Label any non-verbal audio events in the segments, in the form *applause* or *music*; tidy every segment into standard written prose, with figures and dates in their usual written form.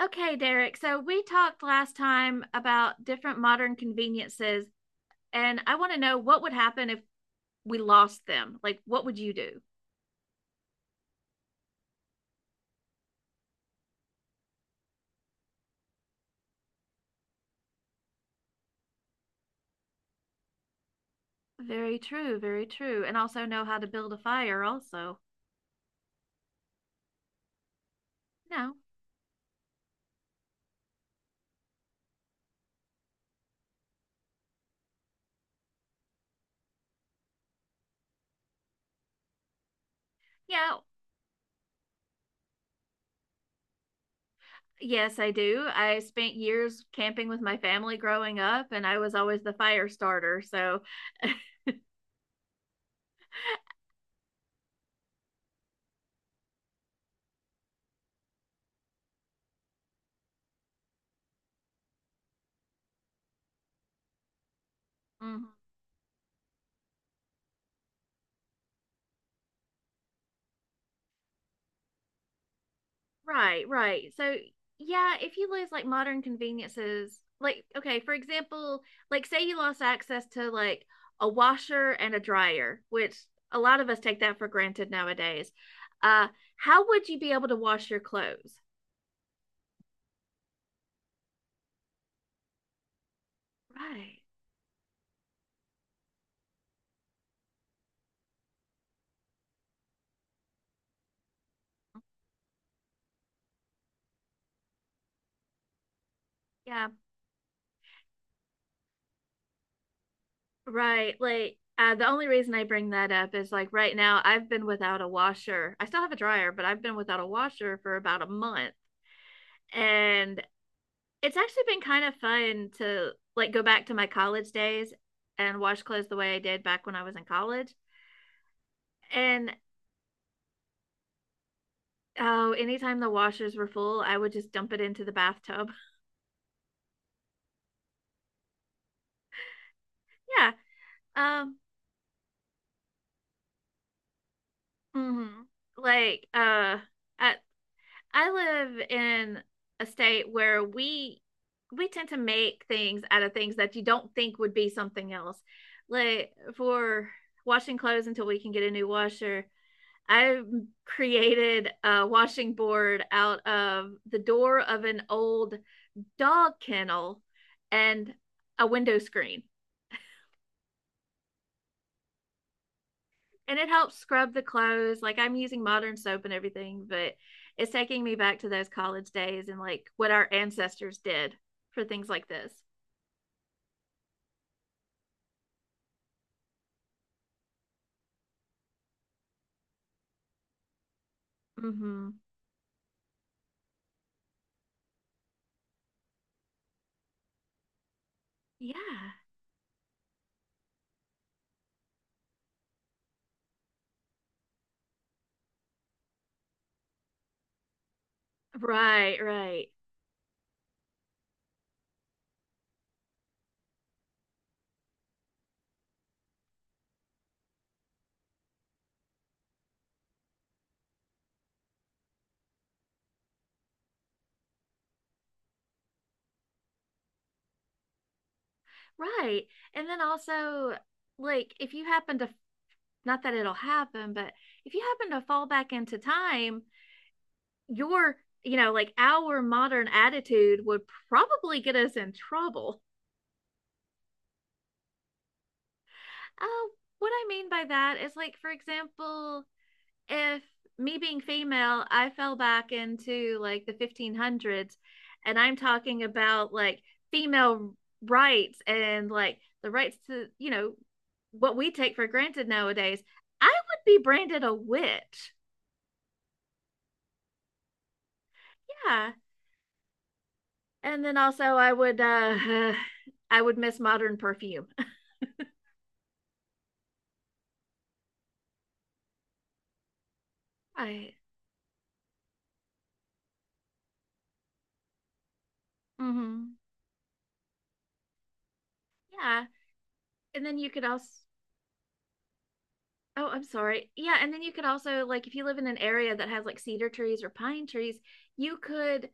Okay, Derek. So we talked last time about different modern conveniences, and I want to know what would happen if we lost them. Like, what would you do? Very true, very true. And also know how to build a fire, also. No. Yeah. Yes, I do. I spent years camping with my family growing up, and I was always the fire starter. So, mhm. Right, right. So, yeah, if you lose like modern conveniences, like, okay, for example, like say you lost access to like a washer and a dryer, which a lot of us take that for granted nowadays. Uh, how would you be able to wash your clothes? Right. Yeah, right. Like, the only reason I bring that up is like right now I've been without a washer. I still have a dryer, but I've been without a washer for about a month. And it's actually been kind of fun to like go back to my college days and wash clothes the way I did back when I was in college. And oh, anytime the washers were full, I would just dump it into the bathtub. *laughs* Yeah. Um, mhm. Like, I I live in a state where we tend to make things out of things that you don't think would be something else. Like for washing clothes until we can get a new washer, I created a washing board out of the door of an old dog kennel and a window screen. And it helps scrub the clothes. Like I'm using modern soap and everything, but it's taking me back to those college days and like what our ancestors did for things like this. Hmm. Yeah. Right, right, right. And then also, like, if you happen to, not that it'll happen, but if you happen to fall back into time, your you know like our modern attitude would probably get us in trouble. uh, what I mean by that is like for example if me being female I fell back into like the 1500s and I'm talking about like female rights and like the rights to you know what we take for granted nowadays, I would be branded a witch. Yeah. And then also I would *sighs* I would miss modern perfume. *laughs* I, Mm-hmm. Yeah. And then you could also, oh, I'm sorry. Yeah. And then you could also, like, if you live in an area that has like cedar trees or pine trees, you could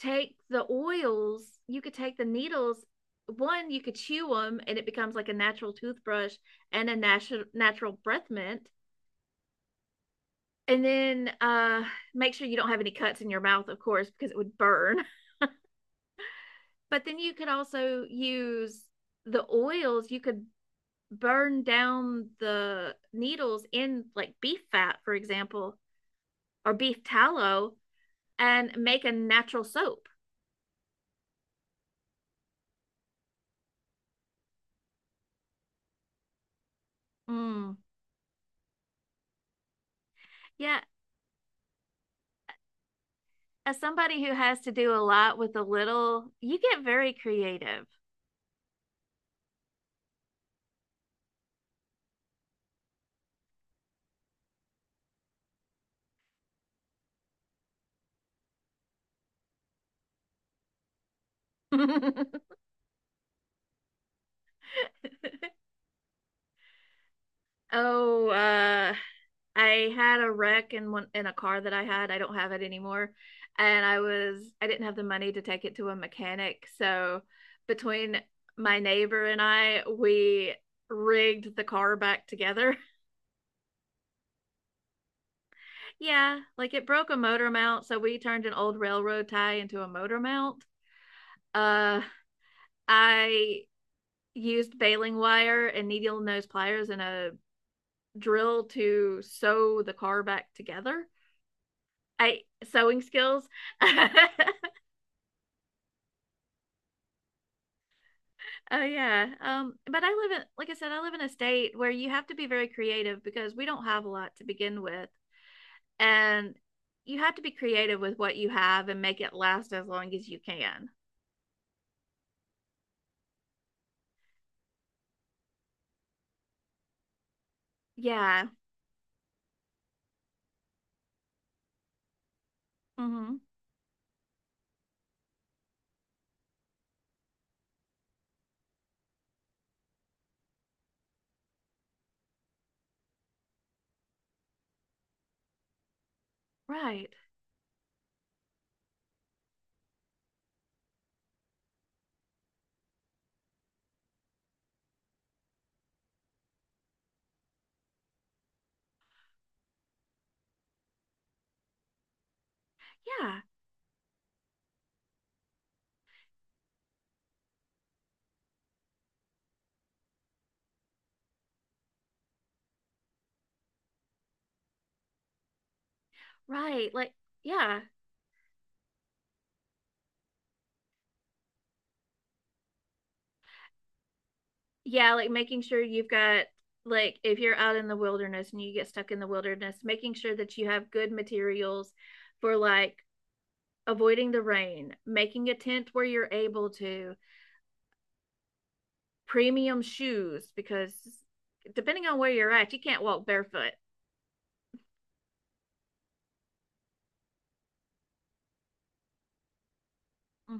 take the oils, you could take the needles. One, you could chew them and it becomes like a natural toothbrush and a natural breath mint. And then make sure you don't have any cuts in your mouth, of course, because it would burn. *laughs* But then you could also use the oils. You could burn down the needles in like beef fat, for example, or beef tallow and make a natural soap. Mm. Yeah. As somebody who has to do a lot with a little, you get very creative. *laughs* Oh, I had a wreck in one in a car that I had. I don't have it anymore. And I was I didn't have the money to take it to a mechanic. So between my neighbor and I, we rigged the car back together. *laughs* Yeah, like it broke a motor mount, so we turned an old railroad tie into a motor mount. Uh I used baling wire and needle nose pliers and a drill to sew the car back together. I sewing skills. *laughs* Oh yeah. But I live in, like I said, I live in a state where you have to be very creative because we don't have a lot to begin with. And you have to be creative with what you have and make it last as long as you can. Yeah. Mm-hmm. Right. Yeah. Right. Like, yeah. Yeah, like making sure you've got like if you're out in the wilderness and you get stuck in the wilderness, making sure that you have good materials for like avoiding the rain, making a tent where you're able to premium shoes because depending on where you're at, you can't walk barefoot. Mhm.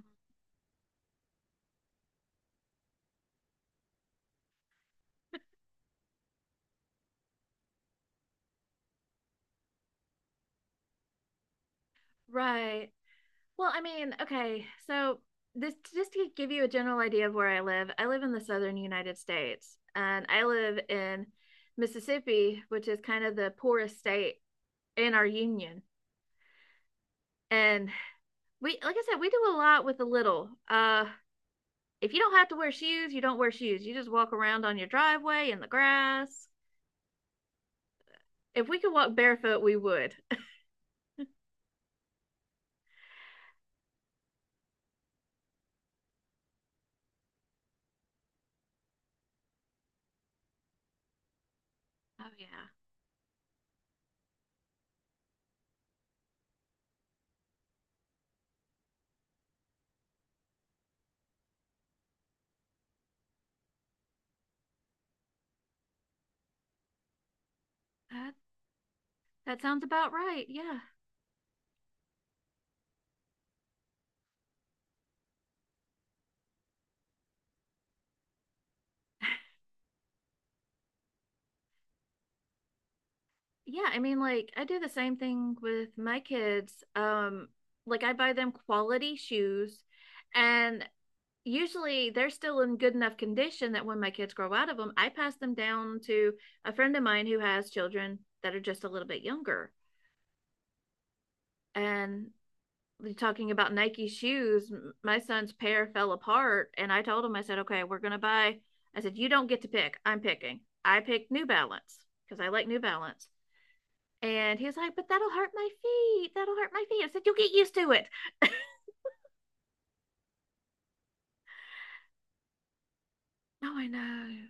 Right. Well, I mean, okay. So this just to give you a general idea of where I live. I live in the southern United States, and I live in Mississippi, which is kind of the poorest state in our union. And we, like I said, we do a lot with a little. If you don't have to wear shoes, you don't wear shoes. You just walk around on your driveway in the grass. If we could walk barefoot, we would. Oh yeah. That sounds about right. Yeah. Yeah, I mean like I do the same thing with my kids. Like I buy them quality shoes and usually they're still in good enough condition that when my kids grow out of them, I pass them down to a friend of mine who has children that are just a little bit younger. And talking about Nike shoes, my son's pair fell apart and I told him I said, "Okay, we're going to buy." I said, "You don't get to pick. I'm picking." I picked New Balance because I like New Balance. And he was like, but that'll hurt my feet. That'll hurt my feet. I said, you'll get used to it. *laughs* Oh, I know.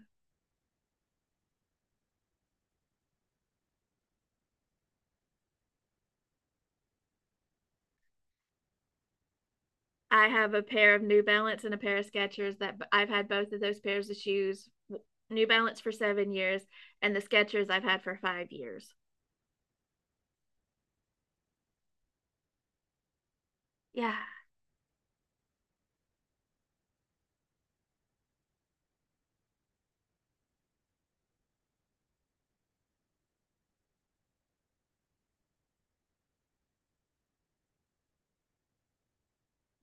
I have a pair of New Balance and a pair of Skechers that I've had both of those pairs of shoes. New Balance for 7 years and the Skechers I've had for 5 years. Yeah.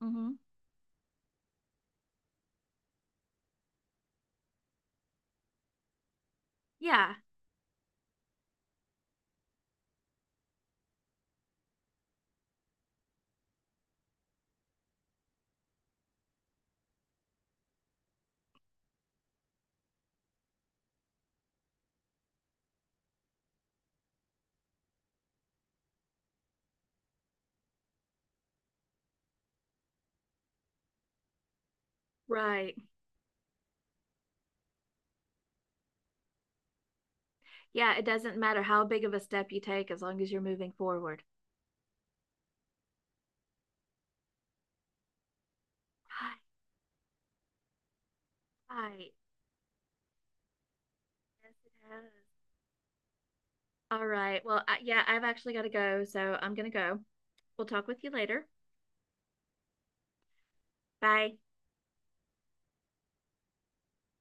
Mm-hmm. Yeah. Right. Yeah. It doesn't matter how big of a step you take as long as you're moving forward. Right. Right. Yes, it is. All right. Well, I, yeah, I've actually got to go. So I'm going to go. We'll talk with you later. Bye.